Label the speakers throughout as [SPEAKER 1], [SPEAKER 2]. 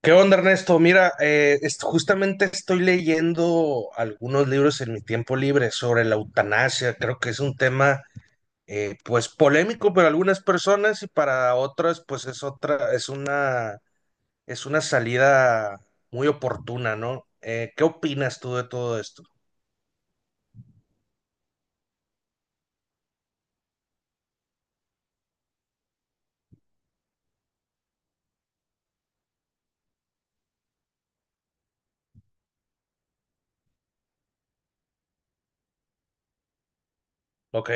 [SPEAKER 1] ¿Qué onda, Ernesto? Mira, justamente estoy leyendo algunos libros en mi tiempo libre sobre la eutanasia. Creo que es un tema, polémico para algunas personas y para otras, pues, es una salida muy oportuna, ¿no? ¿Qué opinas tú de todo esto? ¿Ok?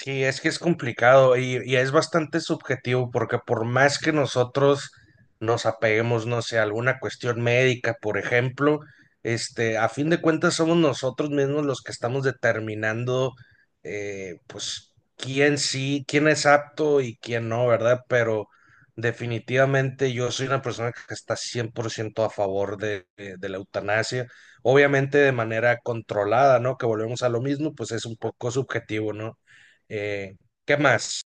[SPEAKER 1] Sí, es que es complicado y es bastante subjetivo porque por más que nosotros nos apeguemos, no sé, a alguna cuestión médica, por ejemplo, este, a fin de cuentas somos nosotros mismos los que estamos determinando, quién sí, quién es apto y quién no, ¿verdad? Pero definitivamente yo soy una persona que está 100% a favor de la eutanasia, obviamente de manera controlada, ¿no? Que volvemos a lo mismo, pues es un poco subjetivo, ¿no? Eh, ¿Qué más?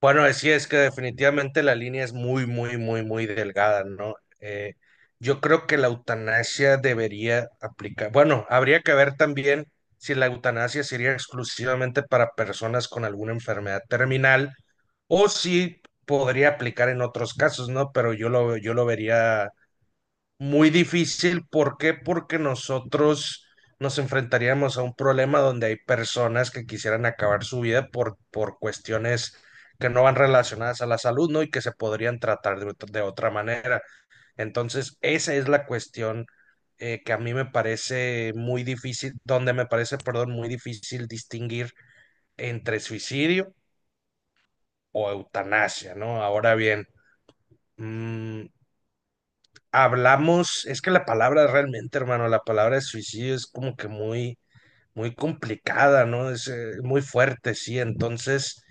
[SPEAKER 1] Bueno, decía es que definitivamente la línea es muy, muy, muy, muy delgada, ¿no? Eh, yo creo que la eutanasia debería aplicar. Bueno, habría que ver también si la eutanasia sería exclusivamente para personas con alguna enfermedad terminal o si podría aplicar en otros casos, ¿no? Pero yo lo vería muy difícil. ¿Por qué? Porque nosotros nos enfrentaríamos a un problema donde hay personas que quisieran acabar su vida por cuestiones que no van relacionadas a la salud, ¿no? Y que se podrían tratar de otra manera. Entonces, esa es la cuestión, que a mí me parece muy difícil, donde me parece, perdón, muy difícil distinguir entre suicidio o eutanasia, ¿no? Ahora bien, mm, hablamos, es que la palabra realmente, hermano, la palabra de suicidio es como que muy, muy complicada, ¿no? Es muy fuerte, sí. Entonces,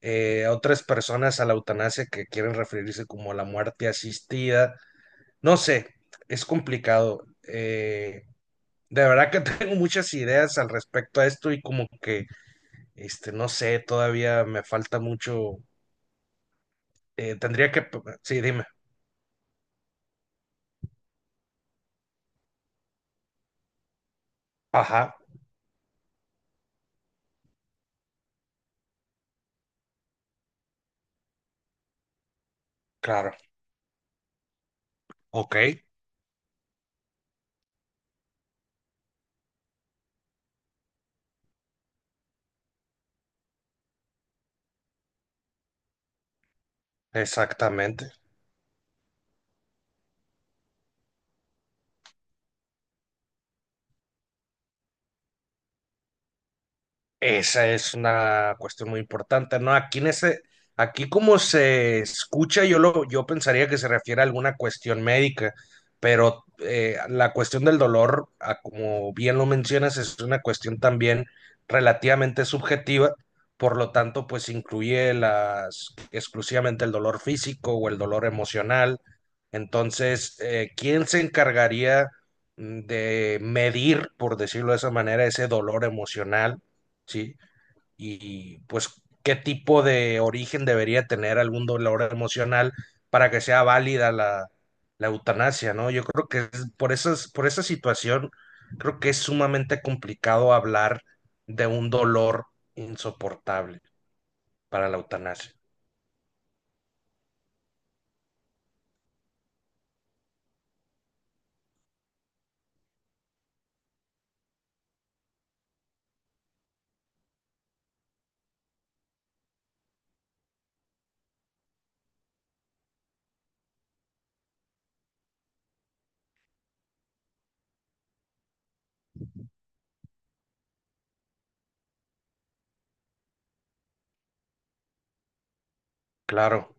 [SPEAKER 1] otras personas a la eutanasia que quieren referirse como a la muerte asistida, no sé, es complicado. De verdad que tengo muchas ideas al respecto a esto y como que, este, no sé, todavía me falta mucho. eh, tendría que, sí, dime. Ajá, claro. Ok, exactamente. Esa es una cuestión muy importante, ¿no? Aquí como se escucha, yo pensaría que se refiere a alguna cuestión médica, pero la cuestión del dolor, a como bien lo mencionas, es una cuestión también relativamente subjetiva, por lo tanto, pues incluye las exclusivamente el dolor físico o el dolor emocional. Entonces, ¿quién se encargaría, de medir, por decirlo de esa manera, ese dolor emocional? ¿Sí? Y pues, ¿qué tipo de origen debería tener algún dolor emocional para que sea válida la eutanasia, ¿no? Yo creo que por esas, por esa situación, creo que es sumamente complicado hablar de un dolor insoportable para la eutanasia. Claro.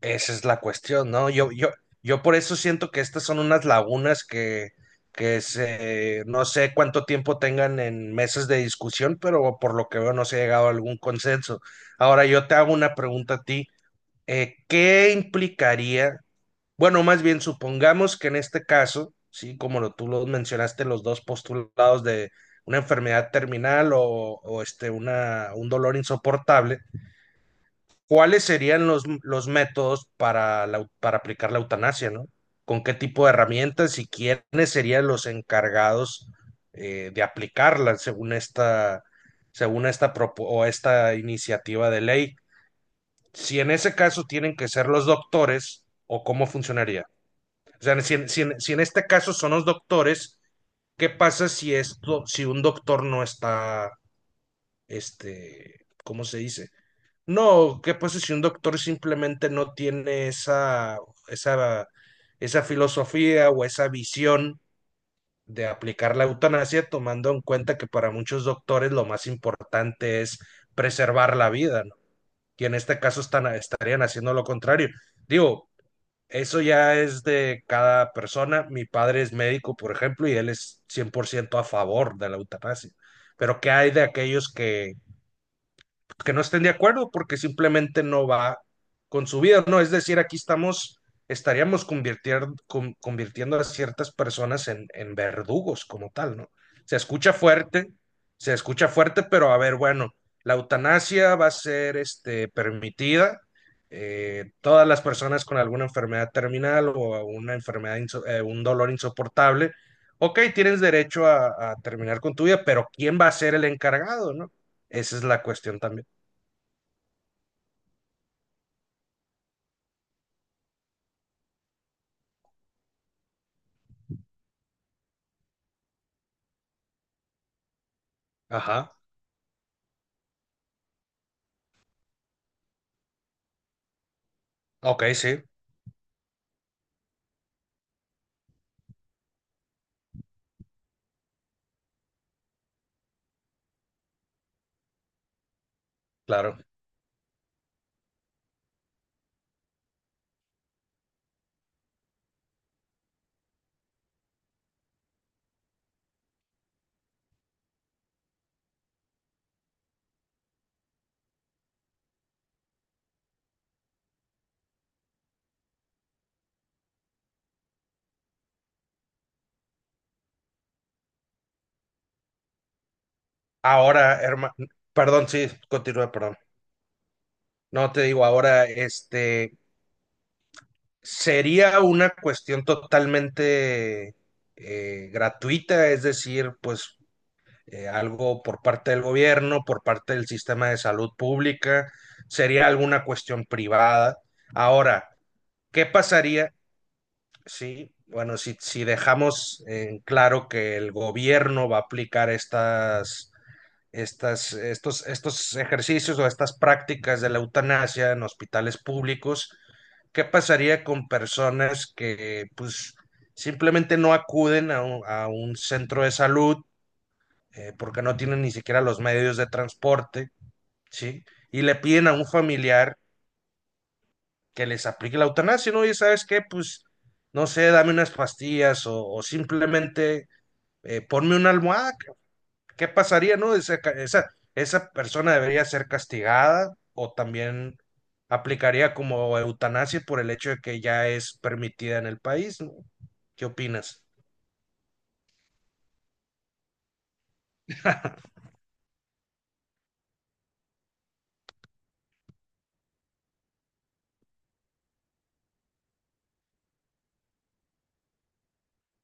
[SPEAKER 1] Esa es la cuestión, ¿no? Yo por eso siento que estas son unas lagunas no sé cuánto tiempo tengan en mesas de discusión, pero por lo que veo no se ha llegado a algún consenso. Ahora yo te hago una pregunta a ti. ¿Qué implicaría? Bueno, más bien supongamos que en este caso, sí, tú lo mencionaste, los dos postulados de una enfermedad terminal un dolor insoportable, ¿cuáles serían los métodos para, para aplicar la eutanasia, ¿no? ¿Con qué tipo de herramientas y quiénes serían los encargados, de aplicarla según esta, propo- o esta iniciativa de ley? Si en ese caso tienen que ser los doctores, ¿o cómo funcionaría? O sea, si en este caso son los doctores, ¿qué pasa si esto, si un doctor no está, este, ¿cómo se dice? No, ¿qué pasa si un doctor simplemente no tiene esa, esa filosofía o esa visión de aplicar la eutanasia, tomando en cuenta que para muchos doctores lo más importante es preservar la vida, ¿no? Y en este caso estarían haciendo lo contrario. Digo, eso ya es de cada persona. Mi padre es médico, por ejemplo, y él es 100% a favor de la eutanasia. Pero ¿qué hay de aquellos que no estén de acuerdo porque simplemente no va con su vida, ¿no? Es decir, estaríamos convirtiendo a ciertas personas en verdugos como tal, ¿no? Se escucha fuerte, se escucha fuerte, pero a ver, bueno, la eutanasia va a ser este, permitida. Todas las personas con alguna enfermedad terminal o una un dolor insoportable, ok, tienes derecho a terminar con tu vida, pero ¿quién va a ser el encargado, no? Esa es la cuestión también. Ajá. Ok, sí, claro. Ahora, hermano, perdón, sí, continúa, perdón. No te digo, ahora, este, sería una cuestión totalmente gratuita, es decir, pues algo por parte del gobierno, por parte del sistema de salud pública, sería alguna cuestión privada. Ahora, ¿qué pasaría? Sí, bueno, si dejamos en claro que el gobierno va a aplicar estos ejercicios o estas prácticas de la eutanasia en hospitales públicos, ¿qué pasaría con personas que pues simplemente no acuden a un centro de salud, porque no tienen ni siquiera los medios de transporte, ¿sí? Y le piden a un familiar que les aplique la eutanasia, ¿no? Y sabes qué, pues, no sé, dame unas pastillas o simplemente ponme una almohada. ¿Qué pasaría, no? Esa persona debería ser castigada o también aplicaría como eutanasia por el hecho de que ya es permitida en el país, ¿no? ¿Qué opinas?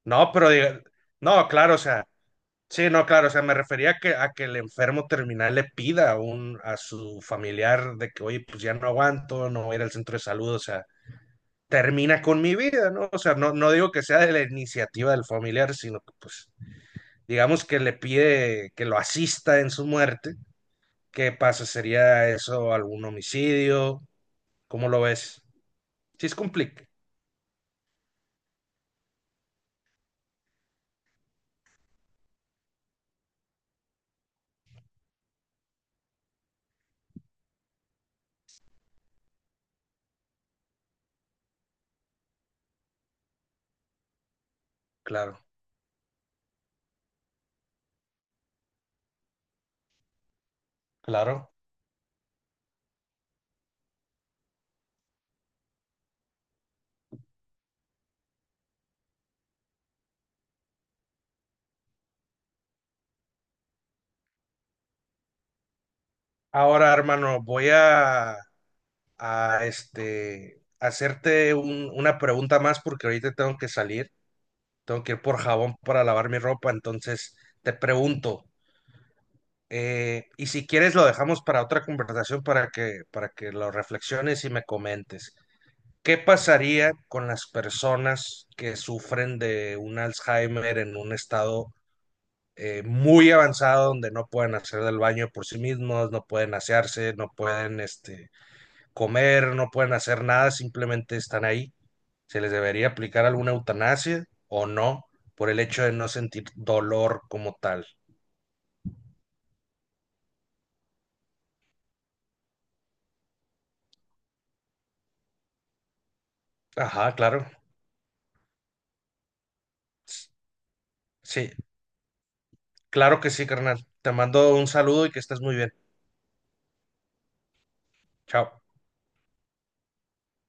[SPEAKER 1] No, no, claro, o sea, sí, no, claro, o sea, me refería a que el enfermo terminal le pida a su familiar de que, oye, pues ya no aguanto, no voy a ir al centro de salud, o sea, termina con mi vida, ¿no? O sea, no digo que sea de la iniciativa del familiar, sino que, pues, digamos que le pide que lo asista en su muerte. ¿Qué pasa? ¿Sería eso algún homicidio? ¿Cómo lo ves? Sí, es complicado. Claro, claro. Ahora, hermano, a este, hacerte una pregunta más porque ahorita tengo que salir. Tengo que ir por jabón para lavar mi ropa. Entonces, te pregunto, y si quieres lo dejamos para otra conversación para que lo reflexiones y me comentes. ¿Qué pasaría con las personas que sufren de un Alzheimer en un estado muy avanzado donde no pueden hacer del baño por sí mismos, no pueden asearse, no pueden este, comer, no pueden hacer nada, simplemente están ahí? ¿Se les debería aplicar alguna eutanasia o no por el hecho de no sentir dolor como tal? Ajá, claro. S- Sí, claro que sí, carnal. Te mando un saludo y que estés muy bien. Chao.